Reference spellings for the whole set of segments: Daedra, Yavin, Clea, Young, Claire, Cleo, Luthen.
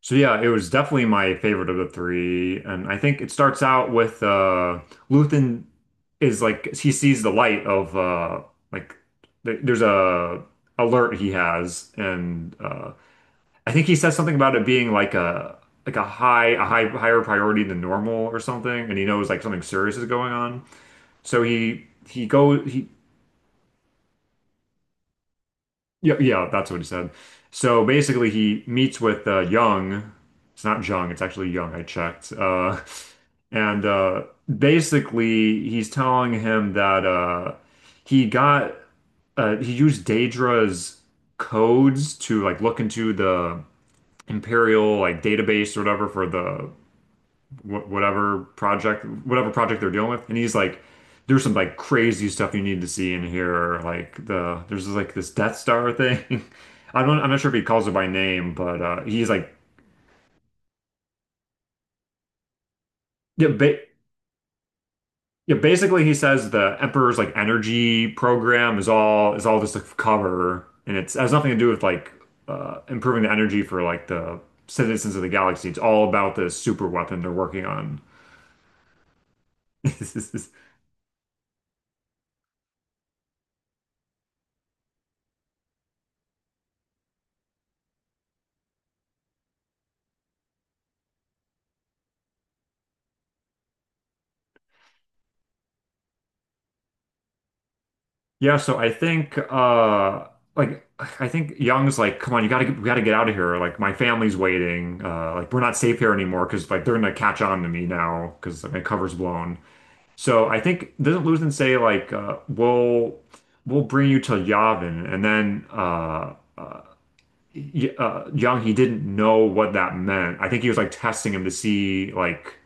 So yeah, it was definitely my favorite of the three, and I think it starts out with Luthen is like he sees the light of like th there's a alert he has, and I think he says something about it being like a higher priority than normal or something, and he knows like something serious is going on. So he goes he Yeah, yeah, that's what he said. So basically, he meets with Young. It's not Jung, it's actually Young. I checked. And basically, he's telling him that he got he used Daedra's codes to like look into the Imperial like database or whatever for the wh whatever project they're dealing with, and he's like there's some like crazy stuff you need to see in here there's like this Death Star thing. I'm not sure if he calls it by name, but he's like yeah, ba yeah, basically he says the Emperor's like energy program is all just a cover, and it's has nothing to do with like improving the energy for like the citizens of the galaxy. It's all about this super weapon they're working on. Yeah, so like I think Young's like, come on, you gotta get, we gotta get out of here. Like, my family's waiting. Like, we're not safe here anymore because like they're gonna catch on to me now because my cover's blown. So I think doesn't Luthen say like we'll bring you to Yavin. And then y Young, he didn't know what that meant. I think he was like testing him to see like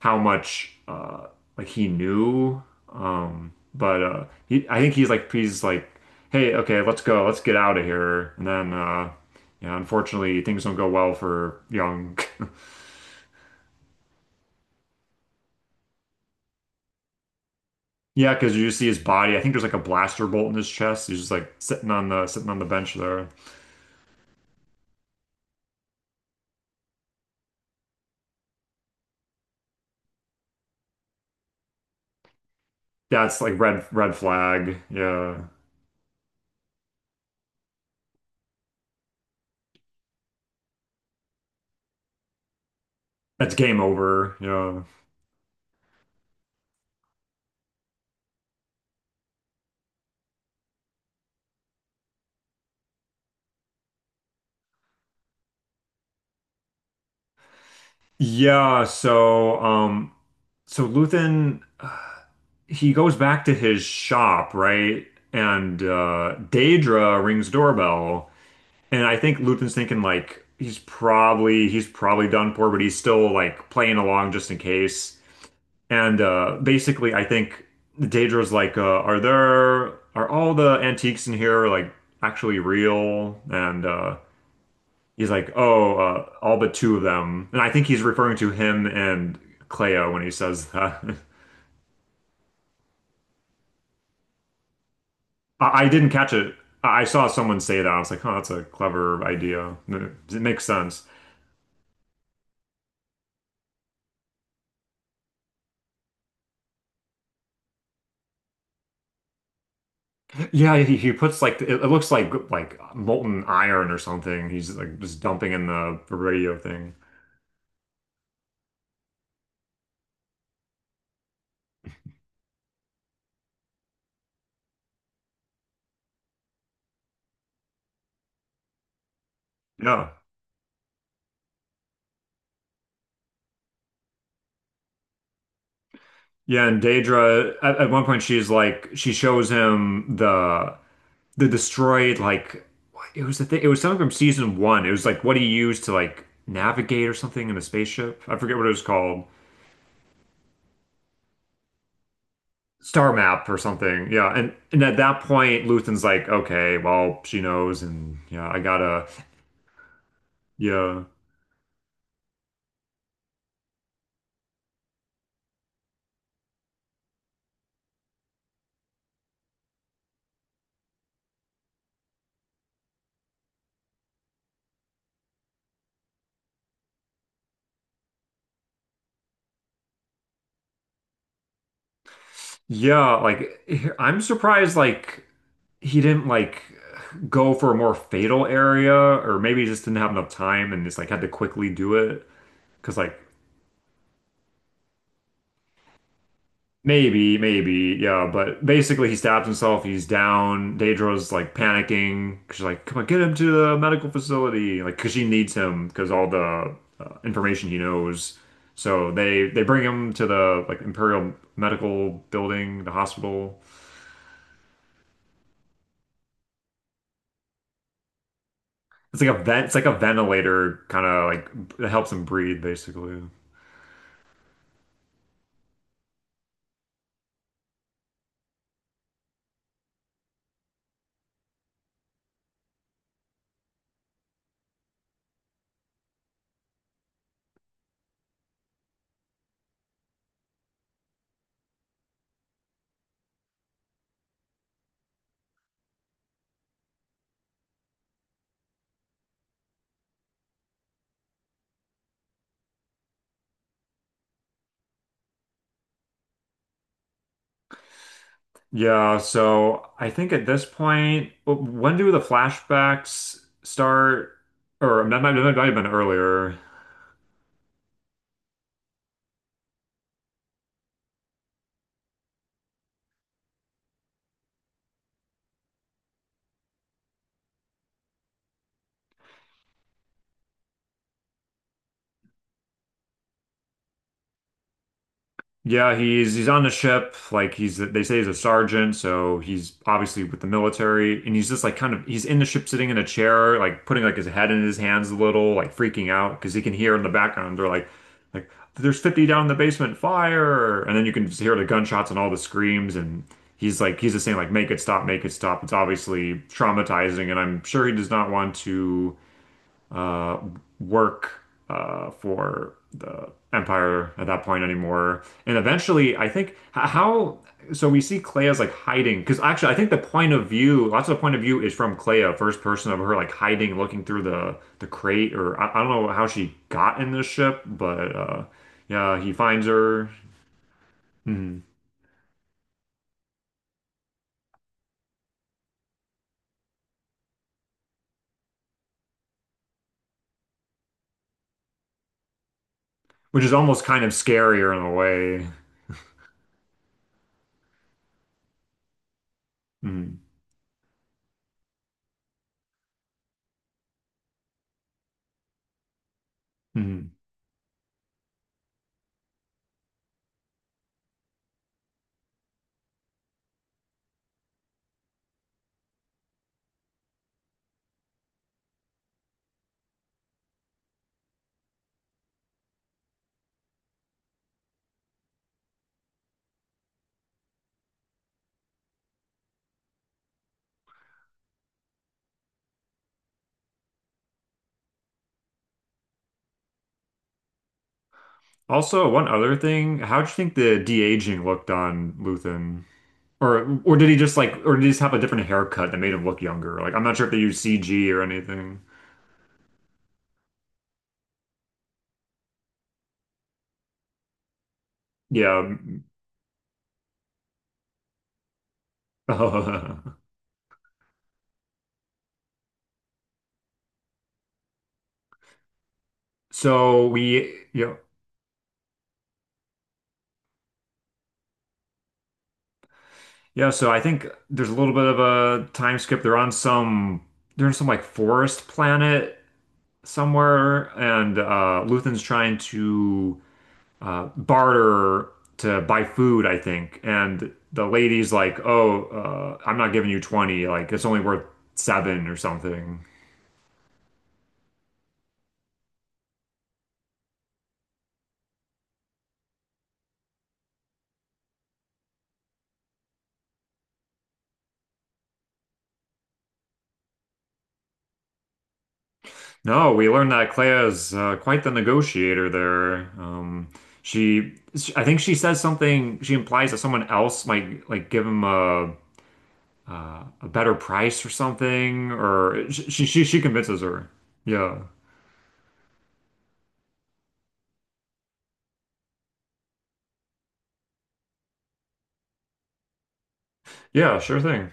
how much like he knew. But he I think he's like, hey, okay, let's go, let's get out of here. And then yeah, unfortunately things don't go well for Young. Yeah, because you just see his body. I think there's like a blaster bolt in his chest. He's just like sitting on the bench there. That's like red flag. Yeah. That's game over. Yeah. Yeah, so Luthen, he goes back to his shop, right? And Daedra rings doorbell, and I think Luthen's thinking like he's probably done for, but he's still like playing along just in case. And basically, I think Daedra's like, are all the antiques in here like actually real?" And he's like, "Oh, all but two of them." And I think he's referring to him and Cleo when he says that. I didn't catch it. I saw someone say that. I was like, "Oh, that's a clever idea. It makes sense." Yeah, he puts like it looks like molten iron or something. He's like just dumping in the radio thing. Yeah. Yeah, and Daedra at one point, she shows him the destroyed, like, it was something from season one. It was like what he used to like navigate or something in a spaceship. I forget what it was called. Star map or something. Yeah, and at that point, Luthen's like, okay, well, she knows, and yeah, I gotta, yeah, yeah. Like, I'm surprised, like he didn't like go for a more fatal area, or maybe he just didn't have enough time and just like had to quickly do it because like maybe, maybe, yeah. But basically, he stabs himself. He's down. Daedra's like panicking. She's like, "Come on, get him to the medical facility!" Like, because she needs him because all the information he knows. So they bring him to the like Imperial Medical Building, the hospital. It's like a vent. It's like a ventilator, kind of like that helps him breathe, basically. Yeah. So I think at this point, when do the flashbacks start? Or that might have been earlier. Yeah, he's on the ship. Like, he's they say he's a sergeant, so he's obviously with the military, and he's just like kind of he's in the ship, sitting in a chair, like putting like his head in his hands a little, like freaking out because he can hear in the background they're like there's 50 down in the basement, fire, and then you can just hear the gunshots and all the screams, and he's just saying like make it stop, make it stop. It's obviously traumatizing, and I'm sure he does not want to uh, work for the Empire at that point anymore. And eventually, I think how so we see Clea as like hiding because actually, I think the point of view, lots of the point of view is from Clea, first person of her like hiding, looking through the crate, or I don't know how she got in this ship, but yeah, he finds her. Mhm. Which is almost kind of scarier in a way. Mhm. Mhm. Also, one other thing, how do you think the de-aging looked on Luthen? Or did he just have a different haircut that made him look younger? Like, I'm not sure if they used CG or anything. Yeah. so we Yeah, yeah. So I think there's a little bit of a time skip. They're on some they're in some like forest planet somewhere, and Luthen's trying to barter to buy food, I think. And the lady's like, "Oh, I'm not giving you 20. Like, it's only worth seven or something." No, we learned that Claire's quite the negotiator there. Um, she, I think she says something. She implies that someone else might like give him a a better price or something, or she convinces her. Yeah, yeah, sure thing.